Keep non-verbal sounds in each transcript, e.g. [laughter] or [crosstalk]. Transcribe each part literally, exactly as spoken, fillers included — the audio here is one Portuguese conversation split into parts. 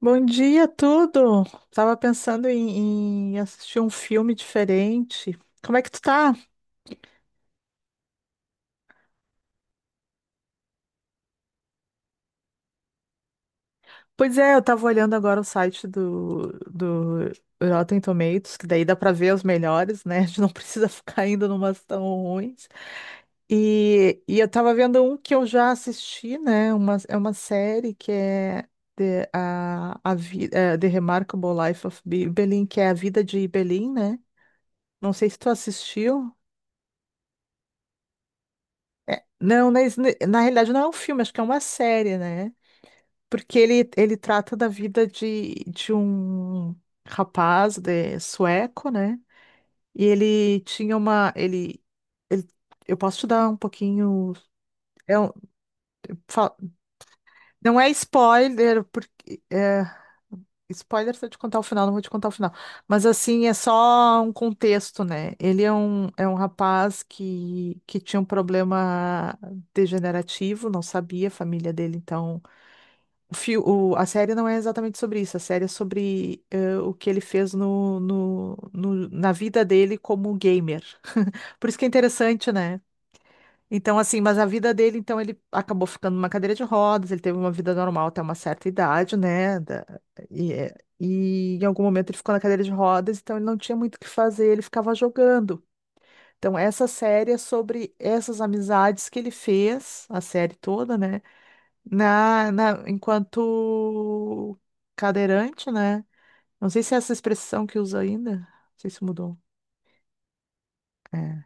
Bom dia, tudo. Tava pensando em, em assistir um filme diferente. Como é que tu tá? Pois é, eu tava olhando agora o site do, do Rotten Tomatoes, que daí dá pra ver os melhores, né? [laughs] A gente não precisa ficar indo numas tão ruins. E, e eu tava vendo um que eu já assisti, né? Uma, é uma série que é The, a, a, Vi- é, The Remarkable Life of Bi- Belin, que é a vida de Belin, né? Não sei se tu assistiu. É, não, na, na realidade não é um filme, acho que é uma série, né? Porque ele, ele trata da vida de, de um rapaz de sueco, né? E ele tinha uma. Ele, ele- eu posso te dar um pouquinho. É um- fa- não é spoiler, porque é spoiler se eu te contar o final, não vou te contar o final. Mas assim, é só um contexto, né? Ele é um, é um rapaz que, que tinha um problema degenerativo, não sabia, a família dele, então. O fio, o- a série não é exatamente sobre isso, a série é sobre eh, o que ele fez no, no, no- na vida dele como gamer. [laughs] Por isso que é interessante, né? Então, assim, mas a vida dele, então, ele acabou ficando numa cadeira de rodas, ele teve uma vida normal até uma certa idade, né? Da- e, eh, e em algum momento ele ficou na cadeira de rodas, então ele não tinha muito o que fazer, ele ficava jogando. Então, essa série é sobre essas amizades que ele fez, a série toda, né? Na, na, enquanto cadeirante, né? Não sei se é essa expressão que usa ainda. Não sei se mudou. É.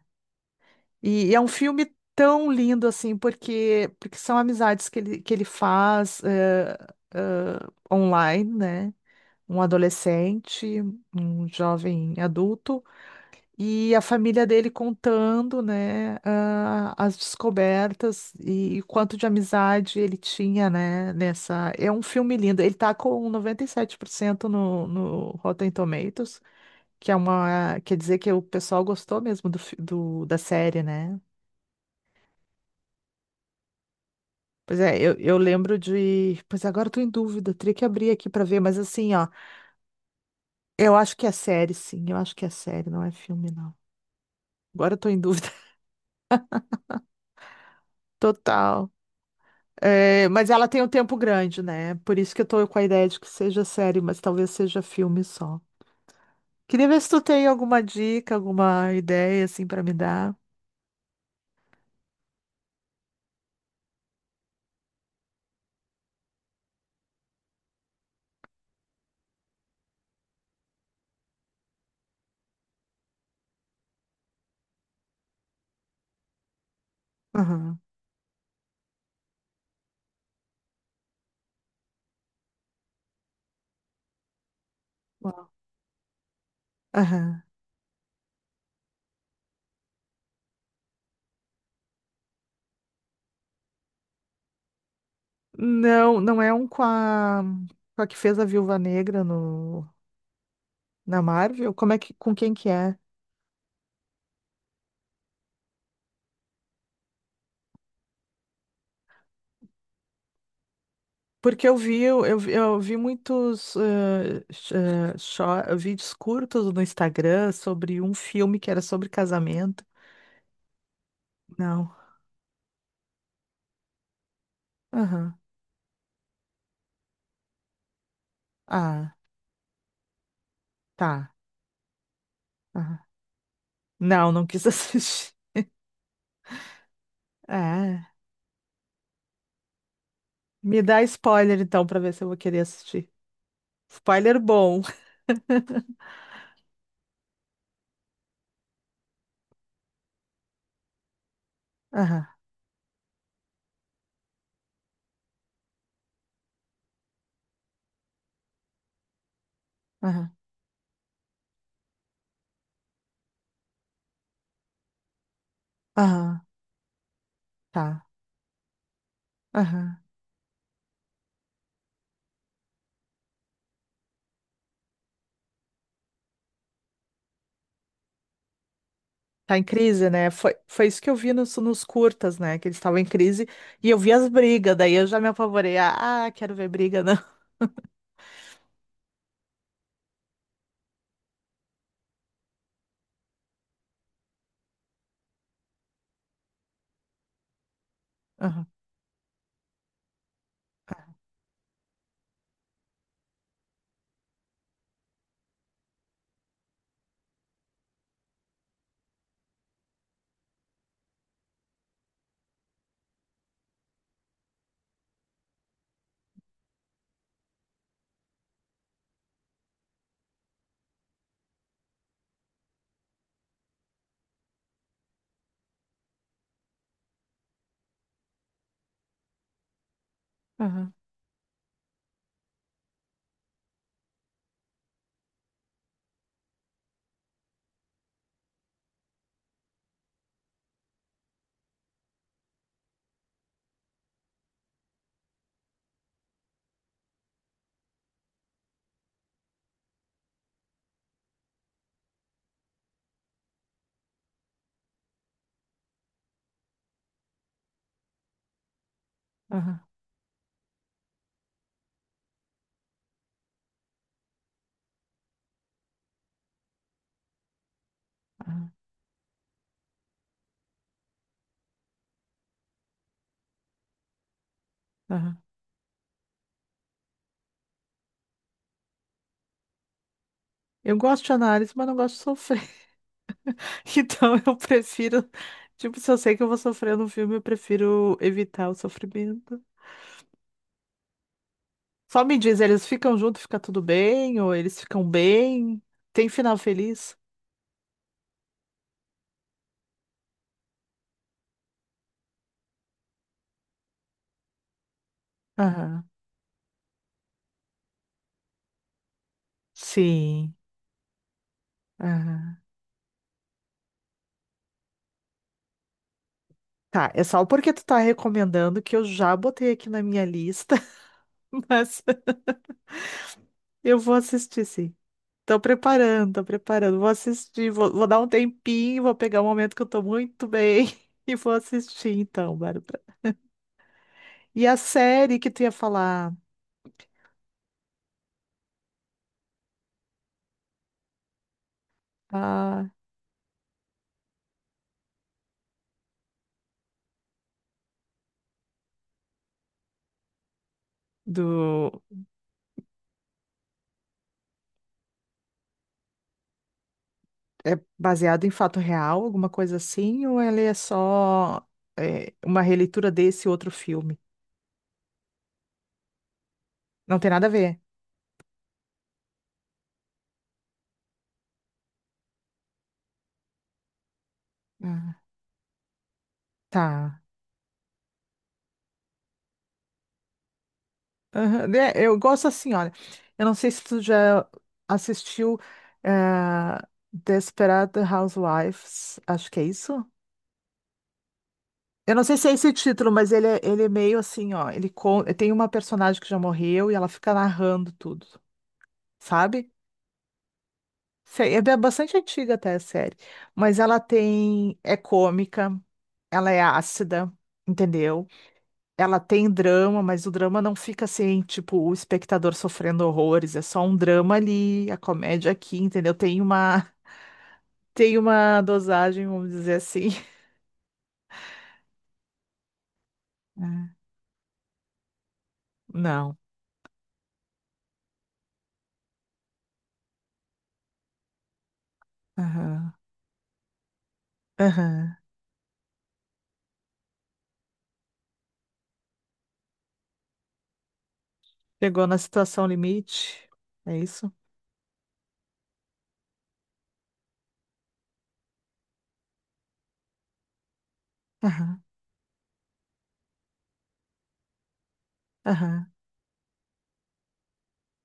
E, e é um filme tão lindo, assim, porque, porque são amizades que ele, que ele faz eh, eh, online, né? Um adolescente, um jovem adulto. E a família dele contando, né, ah, as descobertas e, o quanto de amizade ele tinha, né, nessa. É um filme lindo. Ele tá com noventa e sete por cento no, no Rotten Tomatoes, que é uma. Quer dizer que o pessoal gostou mesmo do, fi- do- da série, né? Pois é, eu, eu lembro de. Pois agora eu tô em dúvida, teria que abrir aqui pra ver, mas assim, ó, eu acho que é série, sim, eu acho que é série, não é filme, não. Agora eu tô em dúvida [laughs] total. É, mas ela tem um tempo grande, né? Por isso que eu tô com a ideia de que seja série, mas talvez seja filme só. Queria ver se tu tem alguma dica, alguma ideia assim pra me dar. Aham. Aham. Não, não é um com a, com a que fez a Viúva Negra no Na Marvel? Como é que, com quem que é? Porque eu vi, eu, eu vi- eu vi muitos eh, sh- eh, shor- vídeos curtos no Instagram sobre um filme que era sobre casamento. Não. Aham. Ah, tá. Aham. Não, não quis [laughs] assistir. É. Me dá spoiler então pra ver se eu vou querer assistir. Spoiler bom. [laughs] Aham, aham, aham, tá. Aham. Tá em crise, né? Foi, foi isso que eu vi nos, nos curtas, né? Que eles estavam em crise e eu vi as brigas, daí eu já me apavorei. Ah, quero ver briga, não. [laughs] Aham, aham, aham, aham. Eu gosto de análise, mas não gosto de sofrer. [laughs] Então eu prefiro, tipo, se eu sei que eu vou sofrer no filme, eu prefiro evitar o sofrimento. Só me diz, eles ficam juntos, fica tudo bem? Ou eles ficam bem? Tem final feliz? Aham, sim. Aham. Tá, é só porque tu tá recomendando que eu já botei aqui na minha lista. Mas [laughs] eu vou assistir, sim. Tô preparando, tô preparando. Vou assistir, vou, vou dar um tempinho, vou pegar um momento que eu tô muito bem [laughs] e vou assistir, então, Bárbara. E a série que tu ia falar, ah, do. É baseada em fato real, alguma coisa assim, ou ela é só é, uma releitura desse outro filme? Não tem nada a ver. Ah, tá. Aham, né, eu gosto assim, olha. Eu não sei se tu já assistiu eh, Desperate Housewives, acho que é isso. Eu não sei se é esse título, mas ele é, ele é meio assim, ó. Ele con- tem uma personagem que já morreu e ela fica narrando tudo, sabe? Sei, é ba- bastante antiga até a série, mas ela tem é cômica, ela é ácida, entendeu? Ela tem drama, mas o drama não fica assim, tipo, o espectador sofrendo horrores, é só um drama ali, a comédia aqui, entendeu? Tem uma, [laughs] tem uma dosagem, vamos dizer assim. [laughs] É. Não. Aham. Aham. Chegou na situação limite, é isso? Aham. Aham.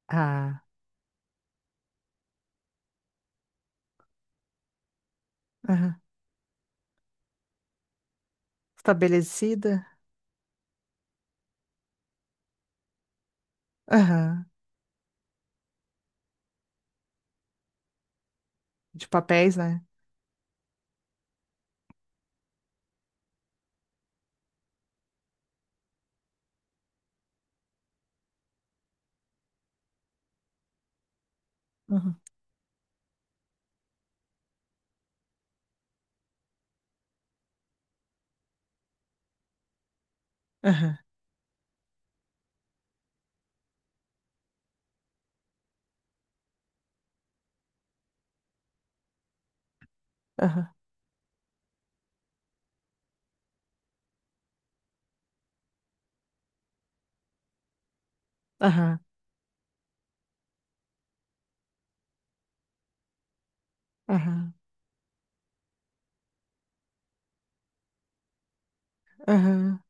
Ah. Aham. Estabelecida? Aham. De papéis, né? Aham. Aham. Aham. Aham. Aham. Aham.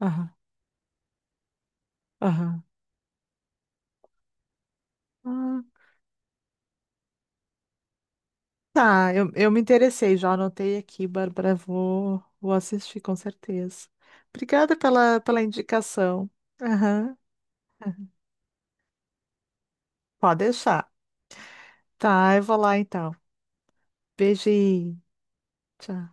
Aham. Aham. Tá, eu, eu me interessei, já anotei aqui, Bárbara, vou, vou assistir com certeza. Obrigada pela, pela indicação. Aham, pode deixar. Tá, eu vou lá então. Beijinho. Tchau.